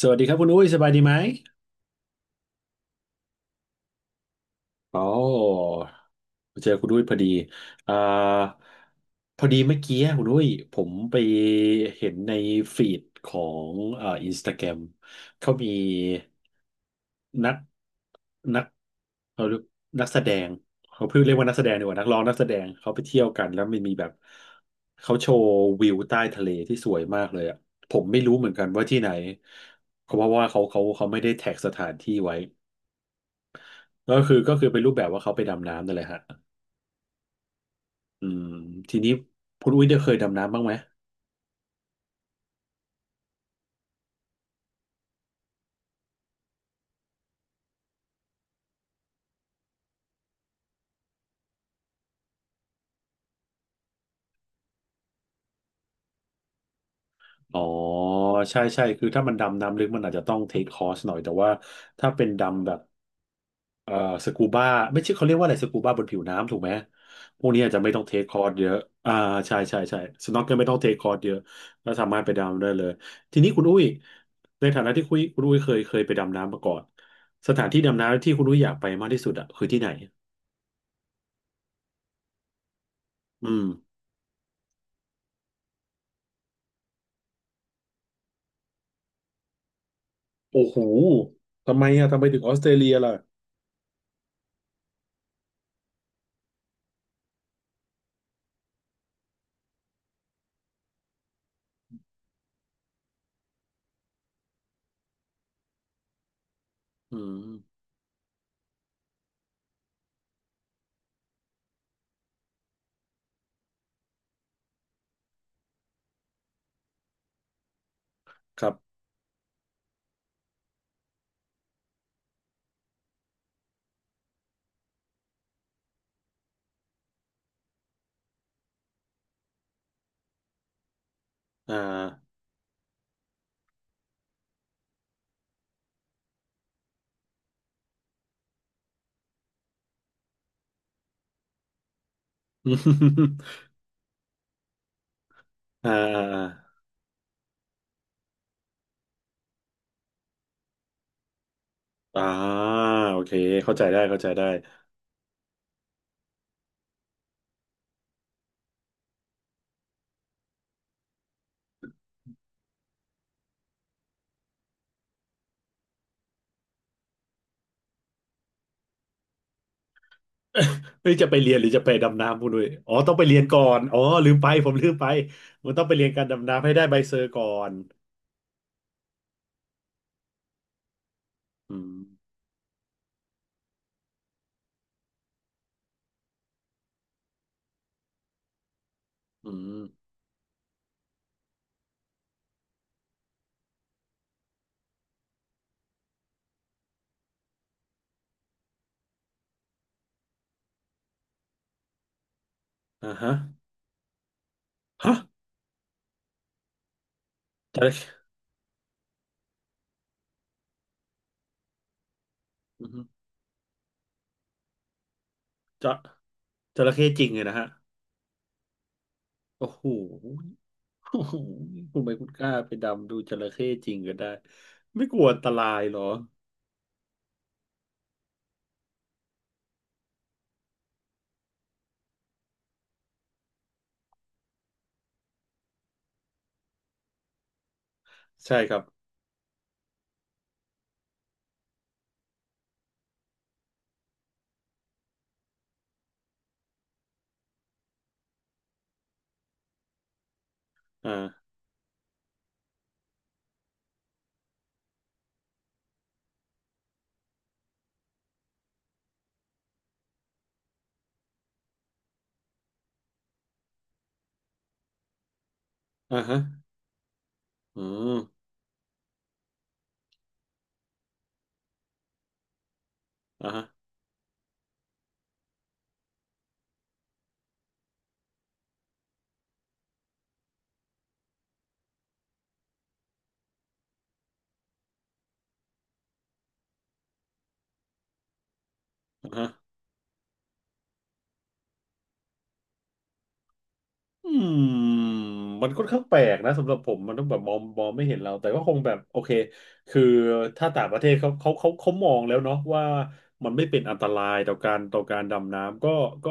สวัสดีครับคุณอุ้ยสบายดีไหม อ๋อ เจอคุณอุ้ยพอดีอ่าพอดีเมื่อกี้คุณอุ้ยผมไปเห็นในฟีดของอินสตาแกรมเขามีนักนักเขาเรียกนักแสดงเขาเพิ่งเรียกว่านักแสดงดีกว่านักร้องนักแสดงเขาไปเที่ยวกันแล้วมันมีแบบเขาโชว์วิวใต้ทะเลที่สวยมากเลยอ่ะผมไม่รู้เหมือนกันว่าที่ไหนเพราะว่าเขาไม่ได้แท็กสถานที่ไว้ ก็คือเป็นรูปแบบว่าเขาไปดำน้ำนั่นแหละฮะอืมทีนี้คุณอุ้ยได้เคยดำน้ำบ้างไหมอ๋อใช่ใช่คือถ้ามันดำน้ำลึกมันอาจจะต้องเทคคอร์สหน่อยแต่ว่าถ้าเป็นดำแบบเอ่อสกูบ้าไม่ใช่เขาเรียกว่าอะไรสกูบ้าบนผิวน้ำถูกไหมพวกนี้อาจจะไม่ต้องเทคคอร์สเยอะอ่าใช่ใช่ใช่สน็อกเกิลไม่ต้องเทคคอร์สเยอะก็สามารถไปดำได้เลยทีนี้คุณอุ้ยในฐานะที่คุยคุณอุ้ยเคยไปดำน้ำมาก่อนสถานที่ดำน้ำที่คุณอุ้ยอยากไปมากที่สุดอะคือที่ไหนอืม โอ้โหทำไมอ่ะทำไมถึงออสเตรเลียล่ะอืมครับอ่า อมอ่าอ่าอ่าโอเค เข้าใจได้เข้าใจได้เฮ้ยจะไปเรียนหรือจะไปดำน้ำพูดด้วยอ๋อต้องไปเรียนก่อน อ๋อลืมไปผมลืมไปมันต้องไปเรียนการดำน้ำให้ได้ใบเซอร์ก่อนอืมอืมอ่าฮะฮะจระเข้อือฮึจะจระเข้จริงเลยนะฮะโอ้โหโอ้โหคุณไปคุณกล้าไปดำดูจระเข้จริงก็ได้ ไม่กลัวอันตรายเหรอ ใช่ครับอ่าอ่าฮะอืมอ่าฮะอ่าฮะอืมมันค่อนข้างแปลกนะสำหรับผมมันต้องแบบมองไม่เห็นเราแต่ก็คงแบบโอเคคือถ้าต่างประเทศเขามองแล้วเนาะว่ามันไม่เป็นอันตรายต่อการดำน้ำก็ก็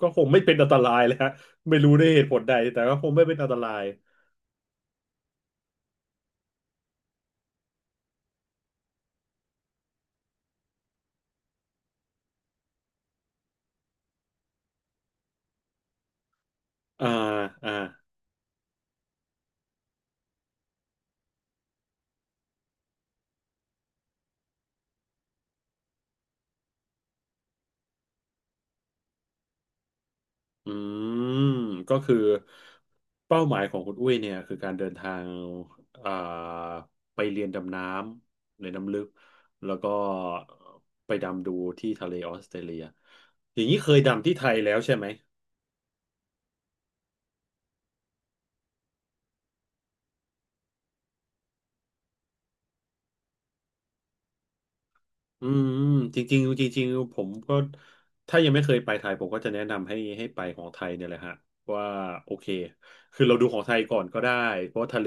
คงไม่เป็นอันตรายเลยฮะไม่รู้ด้วยเหตุผลใดแต่ก็คงไม่เป็นอันตรายอ่าอ่า อืมก็คือเป้าหมายของคุณอุ้ยเนี่ยคือการเดินทางอ่าไปเรียนดำน้ำในน้ำลึกแล้วก็ไปดำดูที่ทะเลออสเตรเลียอย่างนี้เคยดำที่ไทยแล้วใช่ไหม อืมจริงๆจริงๆผมก็ถ้ายังไม่เคยไปไทยผมก็จะแนะนำให้ไปของไทยเนี่ยแหละฮะว่าโอเคคือเราดูของไทยก่อนก็ได้เพราะว่าทะเล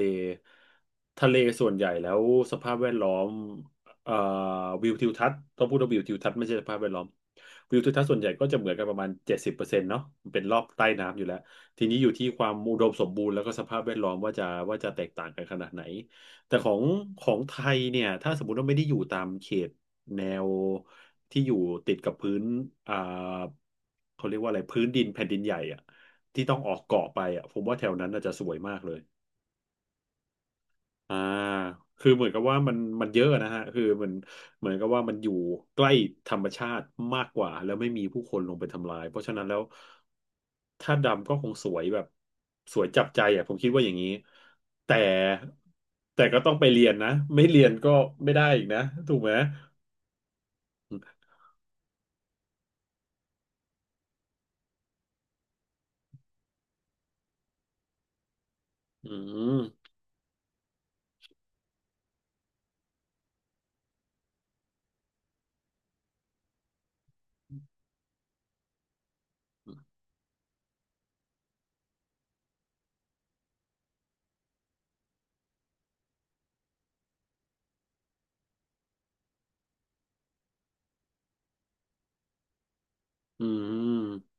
ทะเลส่วนใหญ่แล้วสภาพแวดล้อมเอ่อวิวทิวทัศน์ต้องพูดว่าวิวทิวทัศน์ไม่ใช่สภาพแวดล้อมวิวทิวทัศน์ส่วนใหญ่ก็จะเหมือนกันประมาณ70%เนาะมันเป็นรอบใต้น้ำอยู่แล้วทีนี้อยู่ที่ความอุดมสมบูรณ์แล้วก็สภาพแวดล้อมว่าจะว่าจะแตกต่างกันขนาดไหนแต่ของไทยเนี่ยถ้าสมมติว่าไม่ได้อยู่ตามเขต แนวที่อยู่ติดกับพื้นอ่าเขาเรียกว่าอะไร พื้นดินแผ่นดินใหญ่อะที่ต้องออกเกาะไปอะผมว่าแถวนั้นน่าจะสวยมากเลยอ่าคือเหมือนกับว่ามันเยอะนะฮะคือมันเหมือนกับว่ามันอยู่ใกล้ธรรมชาติมากกว่าแล้วไม่มีผู้คนลงไปทำลายเพราะฉะนั้นแล้วถ้าดำก็คงสวยแบบสวยจับใจอ่ะผมคิดว่าอย่างนี้ แต่แต่ก็ต้องไปเรียนนะไม่เรียนก็ไม่ได้อีกนะถูกไหมอืม อืม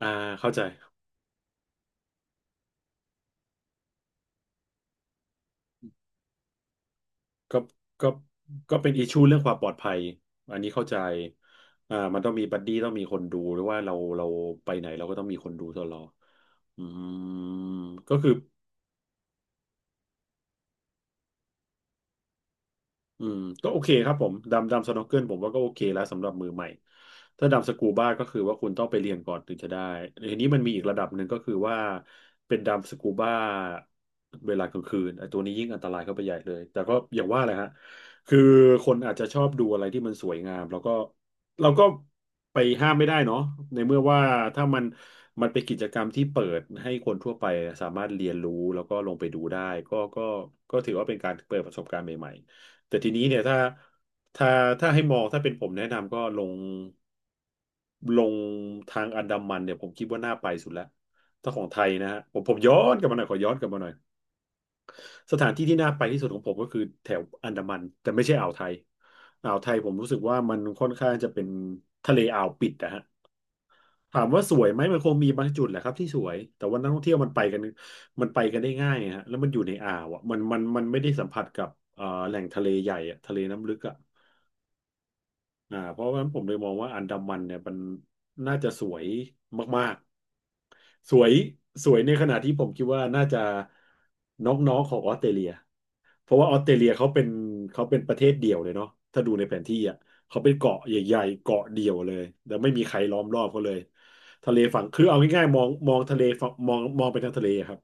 อ่าเข้าใจ ก็ก็ก็เป็นอิชชูเรื่องความปลอดภัย อันนี้เข้าใจอ่ามันต้องมีบัดดี้ต้องมีคนดูหรือว่าเราไปไหนเราก็ต้องมีคนดูตลอดอืมก็คือ อืมก็โอเคครับผมดำสน็อกเกิลผมว่าก็โอเคแล้วสำหรับมือใหม่ถ้าดำสกูบ้าก็คือว่าคุณต้องไปเรียนก่อนถึงจะได้ทีนี้มันมีอีกระดับหนึ่งก็คือว่าเป็นดำสกูบ้าเวลากลางคืนไอ้ตัวนี้ยิ่งอันตรายเข้าไปใหญ่เลยแต่ก็อย่างว่าแหละฮะคือคนอาจจะชอบดูอะไรที่มันสวยงามแล้วก็เราก็ไปห้ามไม่ได้เนาะในเมื่อว่าถ้ามันเป็นกิจกรรมที่เปิดให้คนทั่วไปสามารถเรียนรู้แล้วก็ลงไปดูได้ก็ก็ก็ถือว่าเป็นการเปิดประสบการณ์ใหม่ แต่ทีนี้เนี่ยถ้าถ้าให้มองถ้าเป็นผมแนะนำก็ลงทางอันดามันเนี่ยผมคิดว่าน่าไปสุดแล้วถ้าของไทยนะฮะผมย้อนกลับมาหน่อยขอย้อนกลับมาหน่อยสถานที่ที่น่าไปที่สุดของผมก็คือแถวอันดามันแต่ไม่ใช่อ่าวไทยอ่าวไทยผมรู้สึกว่ามันค่อนข้างจะเป็นทะเลอ่าวปิดนะฮะถามว่าสวยไหมมันคงมีบางจุดแหละครับที่สวยแต่ว่านักท่องเที่ยวมันไปกันมันไปกันได้ง่ายฮะแล้วมันอยู่ในอ่าวอ่ะมันไม่ได้สัมผัสกับแหล่งทะเลใหญ่อะทะเลน้ำลึกอ่ะ เพราะฉะนั้นผมเลยมองว่าอันดามันเนี่ยมันน่าจะสวยมากๆสวยสวยในขณะที่ผมคิดว่าน่าจะน้องๆของออสเตรเลียเพราะว่าออสเตรเลียเขาเป็นประเทศเดี่ยวเลยเนาะถ้าดูในแผนที่อ่ะเขาเป็นเกาะใหญ่ๆเกาะเดี่ยวเลยแล้วไม่มีใครล้อมรอบเขาเลยทะเลฝั่งคือเอาง่ายๆมองทะเลฝั่งมองไปทางทะเลอะครับ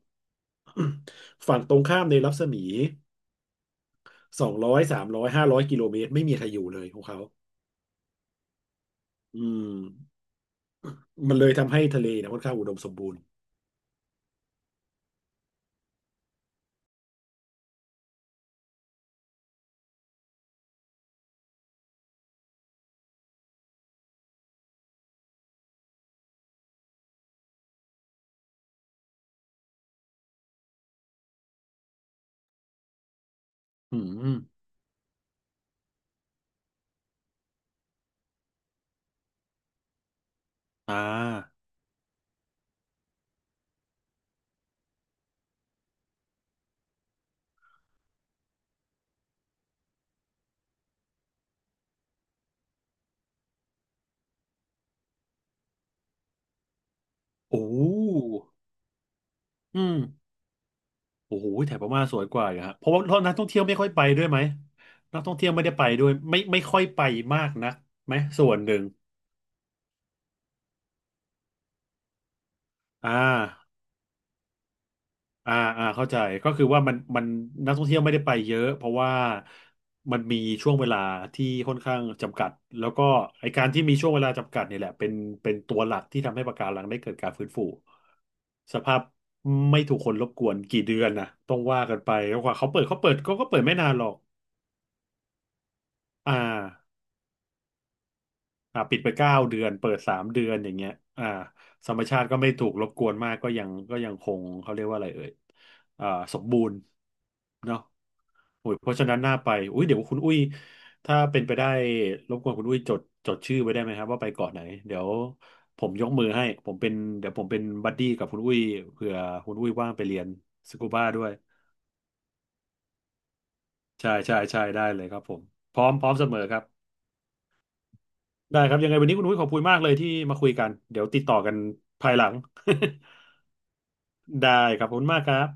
ฝั่งตรงข้ามในรัศมี200 300 500 กิโลเมตรไม่มีใครอยู่เลยของเขาอืม มันเลยทำให้ทะเลเนี่ยค่อนข้างอุดมสมบูรณ์ อืมอ่าโอ้อืมโอ้โห แถบพม่าสวยกว่าอยู่ฮะเพราะว่านักท่องเที่ยวไม่ค่อยไปด้วยไหมนักท่องเที่ยวไม่ได้ไปด้วย ไม่ค่อยไปมากนักไหมส่วนหนึ่งอ่า อ่าอ่าเข้าใจก็คือว่ามันนักท่องเที่ยวไม่ได้ไปเยอะเพราะว่ามันมีช่วงเวลาที่ค่อนข้างจำกัดแล้วก็ไอการที่มีช่วงเวลาจำกัดเนี่ยแหละเป็นตัวหลักที่ทำให้ปะการังได้เกิดการฟื้นฟูสภาพไม่ถูกคนรบกวนกี่เดือนนะต้องว่ากันไปแล้วกว่าเขาเปิดเขาเปิดก็เปิดไม่นานหรอกอ่า อ่าปิดไป9 เดือนเปิด3 เดือนอย่างเงี้ยอ่าธรรมชาติก็ไม่ถูกรบกวนมากก็ยังก็ยังคงเขาเรียกว่าอะไรเอ่ยอ่าสมบูรณ์เนาะโอ้ยเพราะฉะนั้นน่าไปอุ้ยเดี๋ยวคุณอุ้ยถ้าเป็นไปได้รบกวนคุณอุ้ยจดชื่อไว้ได้ไหมครับว่าไปเกาะไหนเดี๋ยวผมยกมือให้ผมเป็นเดี๋ยวผมเป็นบัดดี้กับคุณอุ้ยเผื่อคุณอุ้ยว่างไปเรียนสกูบ้าด้วยใช่ใช่ใช่ได้เลยครับผมพร้อมพร้อมเสมอครับ ได้ครับยังไงวันนี้คุณอุ้ยขอบคุณมากเลยที่มาคุยกันเดี๋ยวติดต่อกันภายหลัง ได้ครับขอบคุณมากครับ